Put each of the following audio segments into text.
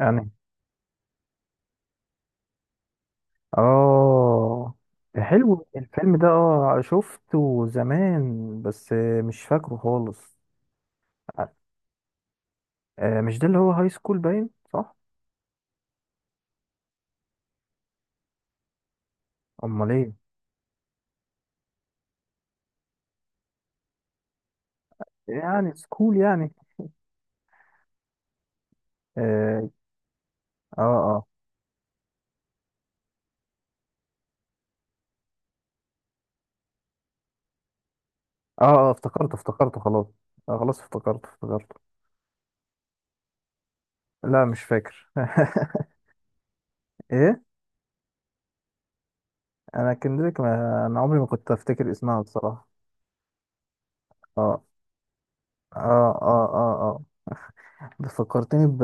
يعني اه حلو الفيلم ده شفته زمان بس مش فاكره خالص. آه، مش ده اللي هو هاي سكول باين صح؟ امال ايه؟ يعني سكول يعني. اه اه اه افتكرته خلاص. خلاص افتكرته افتكرته. لا مش فاكر. ايه؟ انا كندريك. ما انا عمري ما كنت افتكر اسمها بصراحة. اه اه اه اه اه ده فكرتني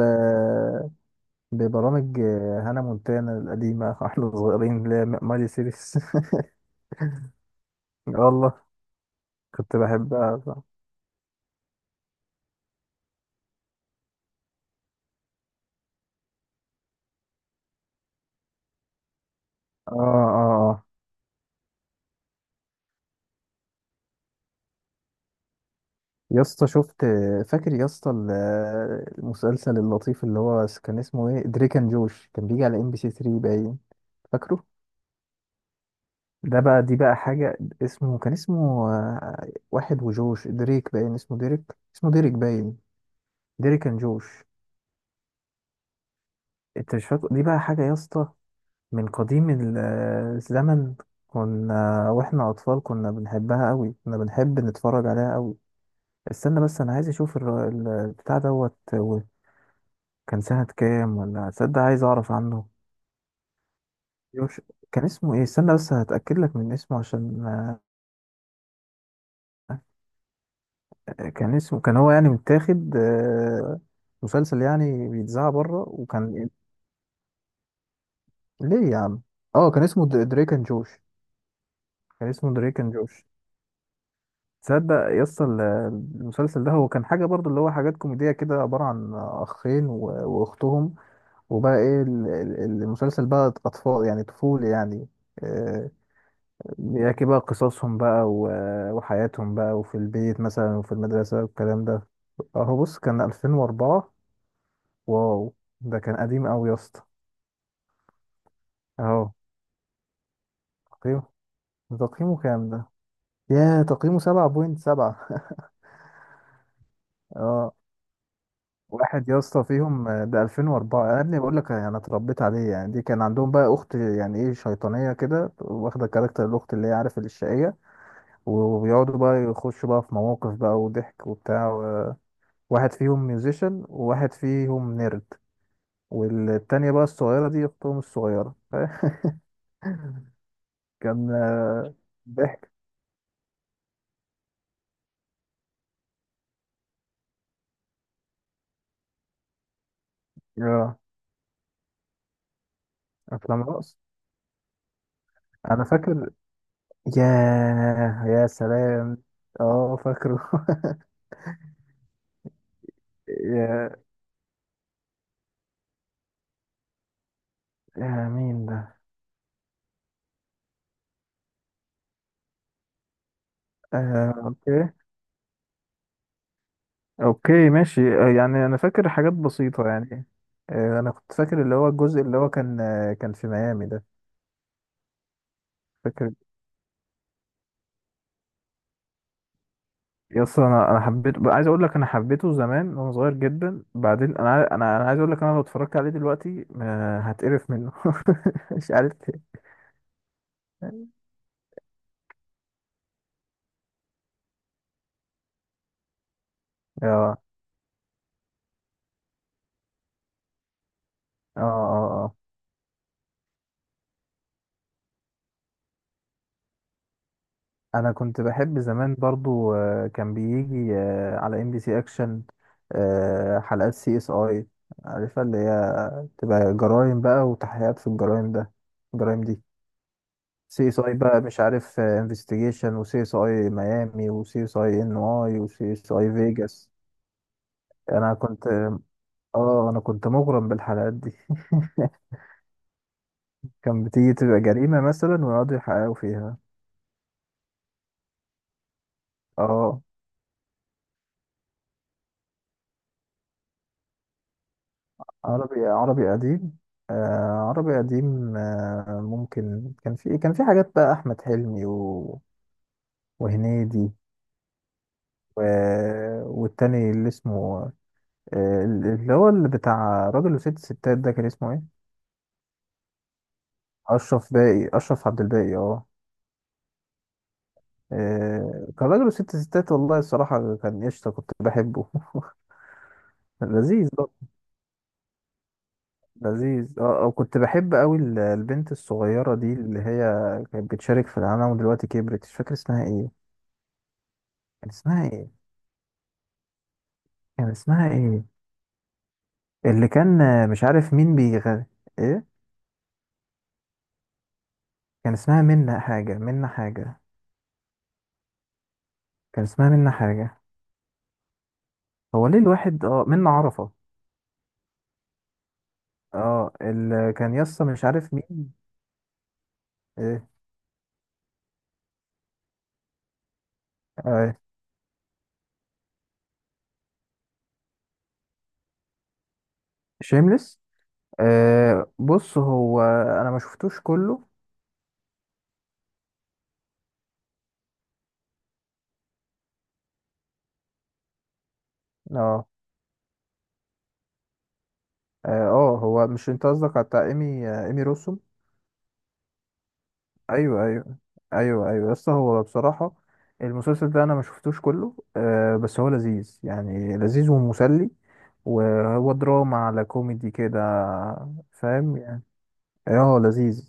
ببرامج، هانا مونتانا القديمة واحنا صغيرين اللي هي مالي سيريس. والله. كنت بحبها اه اه اه يا اسطى شفت. فاكر يا اسطى المسلسل اللطيف اللي هو كان اسمه ايه؟ دريك اند جوش، كان بيجي على ام بي سي 3 باين، فاكره؟ ده بقى، دي بقى حاجة، اسمه كان اسمه واحد وجوش دريك باين، اسمه ديريك. اسمه ديريك باين. ديريك اند جوش. انت مش فاكر دي بقى حاجة يا اسطى، من قديم الزمن. كنا واحنا اطفال كنا بنحبها قوي، كنا بنحب نتفرج عليها قوي. استنى بس، انا عايز اشوف البتاع دوت كان سنة كام ولا تصدق؟ عايز اعرف عنه. يوش، كان اسمه ايه؟ استنى بس هتأكد لك من اسمه، عشان كان اسمه، كان هو يعني متاخد مسلسل يعني بيتذاع بره، وكان إيه؟ ليه يا عم؟ اه كان اسمه دريك اند جوش. كان اسمه دريك اند جوش. تصدق يس المسلسل ده؟ هو كان حاجة برضو، اللي هو حاجات كوميدية كده، عبارة عن أخين وأختهم. وبقى إيه المسلسل بقى أطفال يعني، طفولي يعني، آه، بيحكي بقى قصصهم بقى وحياتهم بقى، وفي البيت مثلا وفي المدرسة والكلام ده. أهو بص، كان 2004. واو. ده كان قديم أوي يا اسطى. أهو تقييمه، كام ده؟ ياه، تقييمه 7.7. اه واحد يا اسطى فيهم، ده 2004 يا ابني، بقول لك انا اتربيت عليه يعني. دي كان عندهم بقى اخت يعني، ايه، شيطانيه كده، واخده كاركتر الاخت اللي هي، عارف، الشقيه. وبيقعدوا بقى يخشوا بقى في مواقف بقى وضحك وبتاع واحد فيهم ميوزيشن وواحد فيهم نيرد. والتانية بقى الصغيرة دي، أختهم الصغيرة كان ضحك. يا. أفلام رقص، أنا فاكر. ياه يا سلام. اه فاكره يا. آه مين ده؟ آه اوكي. اوكي ماشي، يعني انا فاكر حاجات بسيطة يعني. انا كنت فاكر اللي هو الجزء اللي هو كان كان في ميامي ده، فاكر يا اسطى؟ انا حبيته، عايز اقول لك انا حبيته زمان وانا صغير جدا، بعدين انا انا عايز اقول لك، انا لو اتفرجت عليه دلوقتي هتقرف منه مش عارف ليه. اه اه اه اه انا كنت بحب زمان برضو، كان بيجي على ام بي سي اكشن. حلقات سي اس اي، عارفها؟ اللي هي تبقى جرائم بقى، وتحقيقات في الجرائم ده، الجرائم دي. سي اس اي بقى، مش عارف، انفستيجيشن، وسي اس اي ميامي، وسي اس اي ان اي، وسي اس اي فيجاس. انا كنت، مغرم بالحلقات دي كان بتيجي تبقى جريمة مثلا ويقعدوا يحققوا فيها. اه عربي، عربي قديم؟ آه عربي قديم، ممكن كان في، حاجات بقى، أحمد حلمي وهنيدي، و... والتاني اللي اسمه، اللي هو، اللي بتاع راجل وست ستات، ده كان اسمه ايه؟ أشرف باقي، أشرف عبد الباقي، اه. كان راجل وست ستات، والله الصراحة كان قشطة، كنت بحبه لذيذ برضه، لذيذ كنت بحب قوي البنت الصغيرة دي اللي هي كانت بتشارك في العالم ودلوقتي كبرت، مش فاكر اسمها ايه. كان اسمها ايه؟ كان اسمها ايه اللي كان، مش عارف مين بيغني. ايه؟ كان اسمها منا حاجة، منا حاجة. كان اسمها منا حاجة. هو ليه الواحد، اه، منا عرفة. اه، اللي كان يسطا مش عارف مين. ايه؟ آه. شيمليس. آه، بص هو، انا ما شفتوش كله. اه هو مش انت قصدك على بتاع ايمي، ايمي روسوم؟ ايوه ايوه. ايوه ايوه، بس هو بصراحه المسلسل ده انا ما شفتوش كله، بس هو لذيذ يعني، لذيذ ومسلي، وهو دراما على كوميدي كده، فاهم يعني؟ اه لذيذ.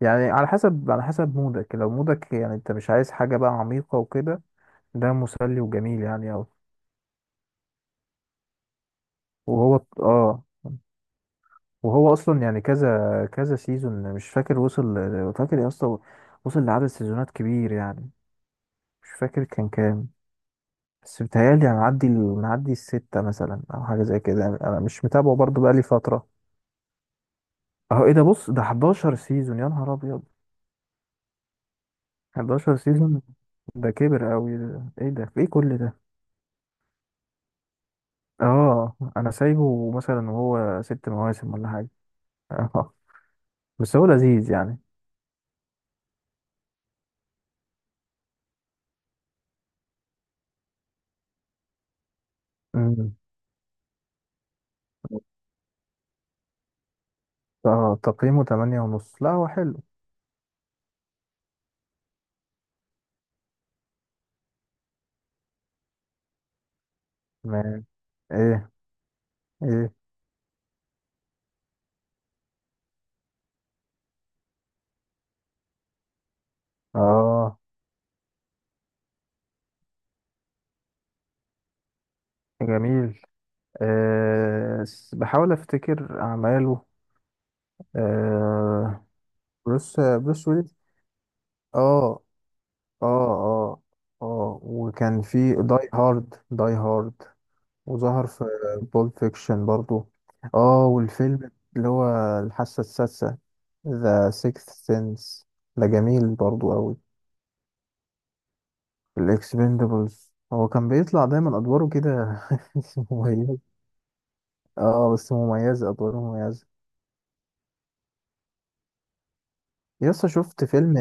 يعني على حسب مودك، لو مودك يعني انت مش عايز حاجه بقى عميقه وكده، ده مسلي وجميل يعني اوي. وهو، اصلا يعني كذا كذا سيزون، مش فاكر وصل. فاكر يا اسطى؟ وصل لعدد سيزونات كبير يعني، مش فاكر كان كام. بس بتهيألي أنا معدي معدي الستة مثلا أو حاجة زي كده يعني. أنا مش متابعه برضه بقالي فترة. أهو إيه ده؟ بص، ده 11 سيزون، يا نهار أبيض. 11 سيزون. ده كبر أوي ده. إيه ده؟ في إيه كل ده؟ آه أنا سايبه مثلا وهو 6 مواسم ولا حاجة. آه، بس هو لذيذ يعني. أمم. آه تقييمه 8.5، لا هو حلو. تمام. إيه؟ إيه؟ آه جميل. بحاول أفتكر أعماله. آه، بروس، ويلز. اه اه اه اه وكان في داي هارد، داي هارد. وظهر في بول فيكشن برضو. اه والفيلم اللي هو الحاسة السادسة، ذا سيكث سينس، ده جميل برضو قوي. الاكسبندبلز، هو كان بيطلع دايما ادواره كده مميزة. اه بس مميزة، ادواره مميزة. يسا شفت فيلم،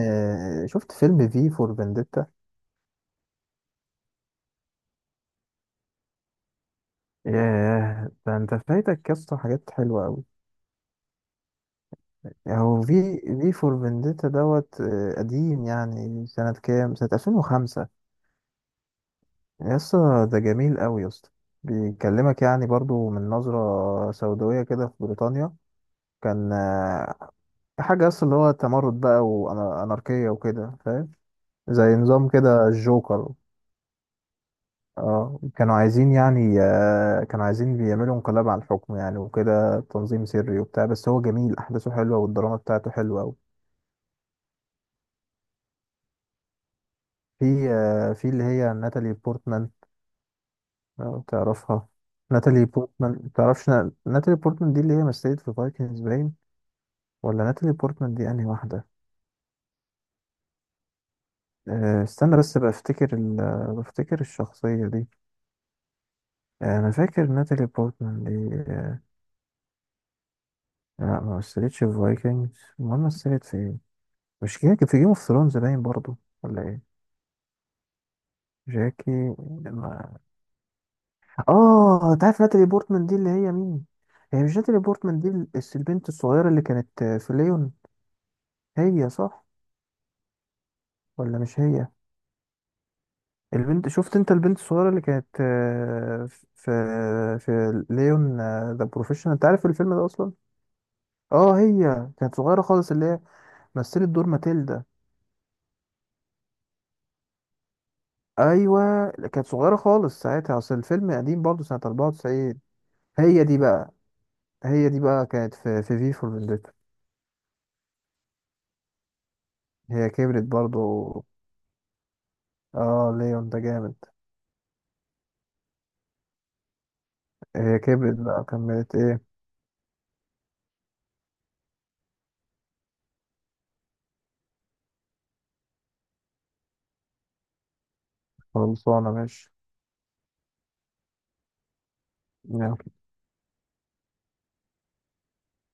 في فور فينديتا؟ ياه، ده انت فايتك يسطا حاجات حلوة أوي. يعني هو في في فور فينديتا دوت، قديم، يعني سنة كام؟ سنة 2005. يا اسطى ده جميل قوي يا اسطى، بيكلمك يعني برضو من نظرة سوداوية كده في بريطانيا. كان حاجة أصلا اللي هو تمرد بقى وأناركية وكده، فاهم، زي نظام كده الجوكر. اه كانوا عايزين يعني، كانوا عايزين بيعملوا انقلاب على الحكم يعني وكده، تنظيم سري وبتاع، بس هو جميل، أحداثه حلوة والدراما بتاعته حلوة أوي. في، في اللي هي ناتالي بورتمان، لو تعرفها؟ ناتالي بورتمان تعرفش؟ ناتالي بورتمان دي اللي هي مثلت في فايكنجز باين، ولا ناتالي بورتمان دي انهي واحدة؟ أه استنى بس بفتكر بفتكر الشخصية دي. انا فاكر ناتالي بورتمان دي، لا ما مثلتش في فايكنجز، امال مثلت في ايه؟ مش جاكي في جيم اوف ثرونز باين برضو، ولا ايه؟ جاكي؟ لما. اه انت عارف ناتالي بورتمان دي اللي هي مين؟ هي مش ناتالي بورتمان دي البنت الصغيرة اللي كانت، في ليون، هي، صح ولا مش هي؟ البنت، شفت انت، البنت الصغيرة اللي كانت، في في ليون، ذا بروفيشنال، انت عارف الفيلم ده اصلا؟ اه هي كانت صغيرة خالص، اللي هي مثلت دور ماتيلدا. ايوه كانت صغيرة خالص ساعتها، اصل الفيلم قديم برضه سنة 94. هي دي بقى. هي دي بقى كانت في فور فينديتا. هي كبرت برضه. اه ليون ده جامد. هي كبرت بقى، كملت ايه؟ خلصانة ماشي.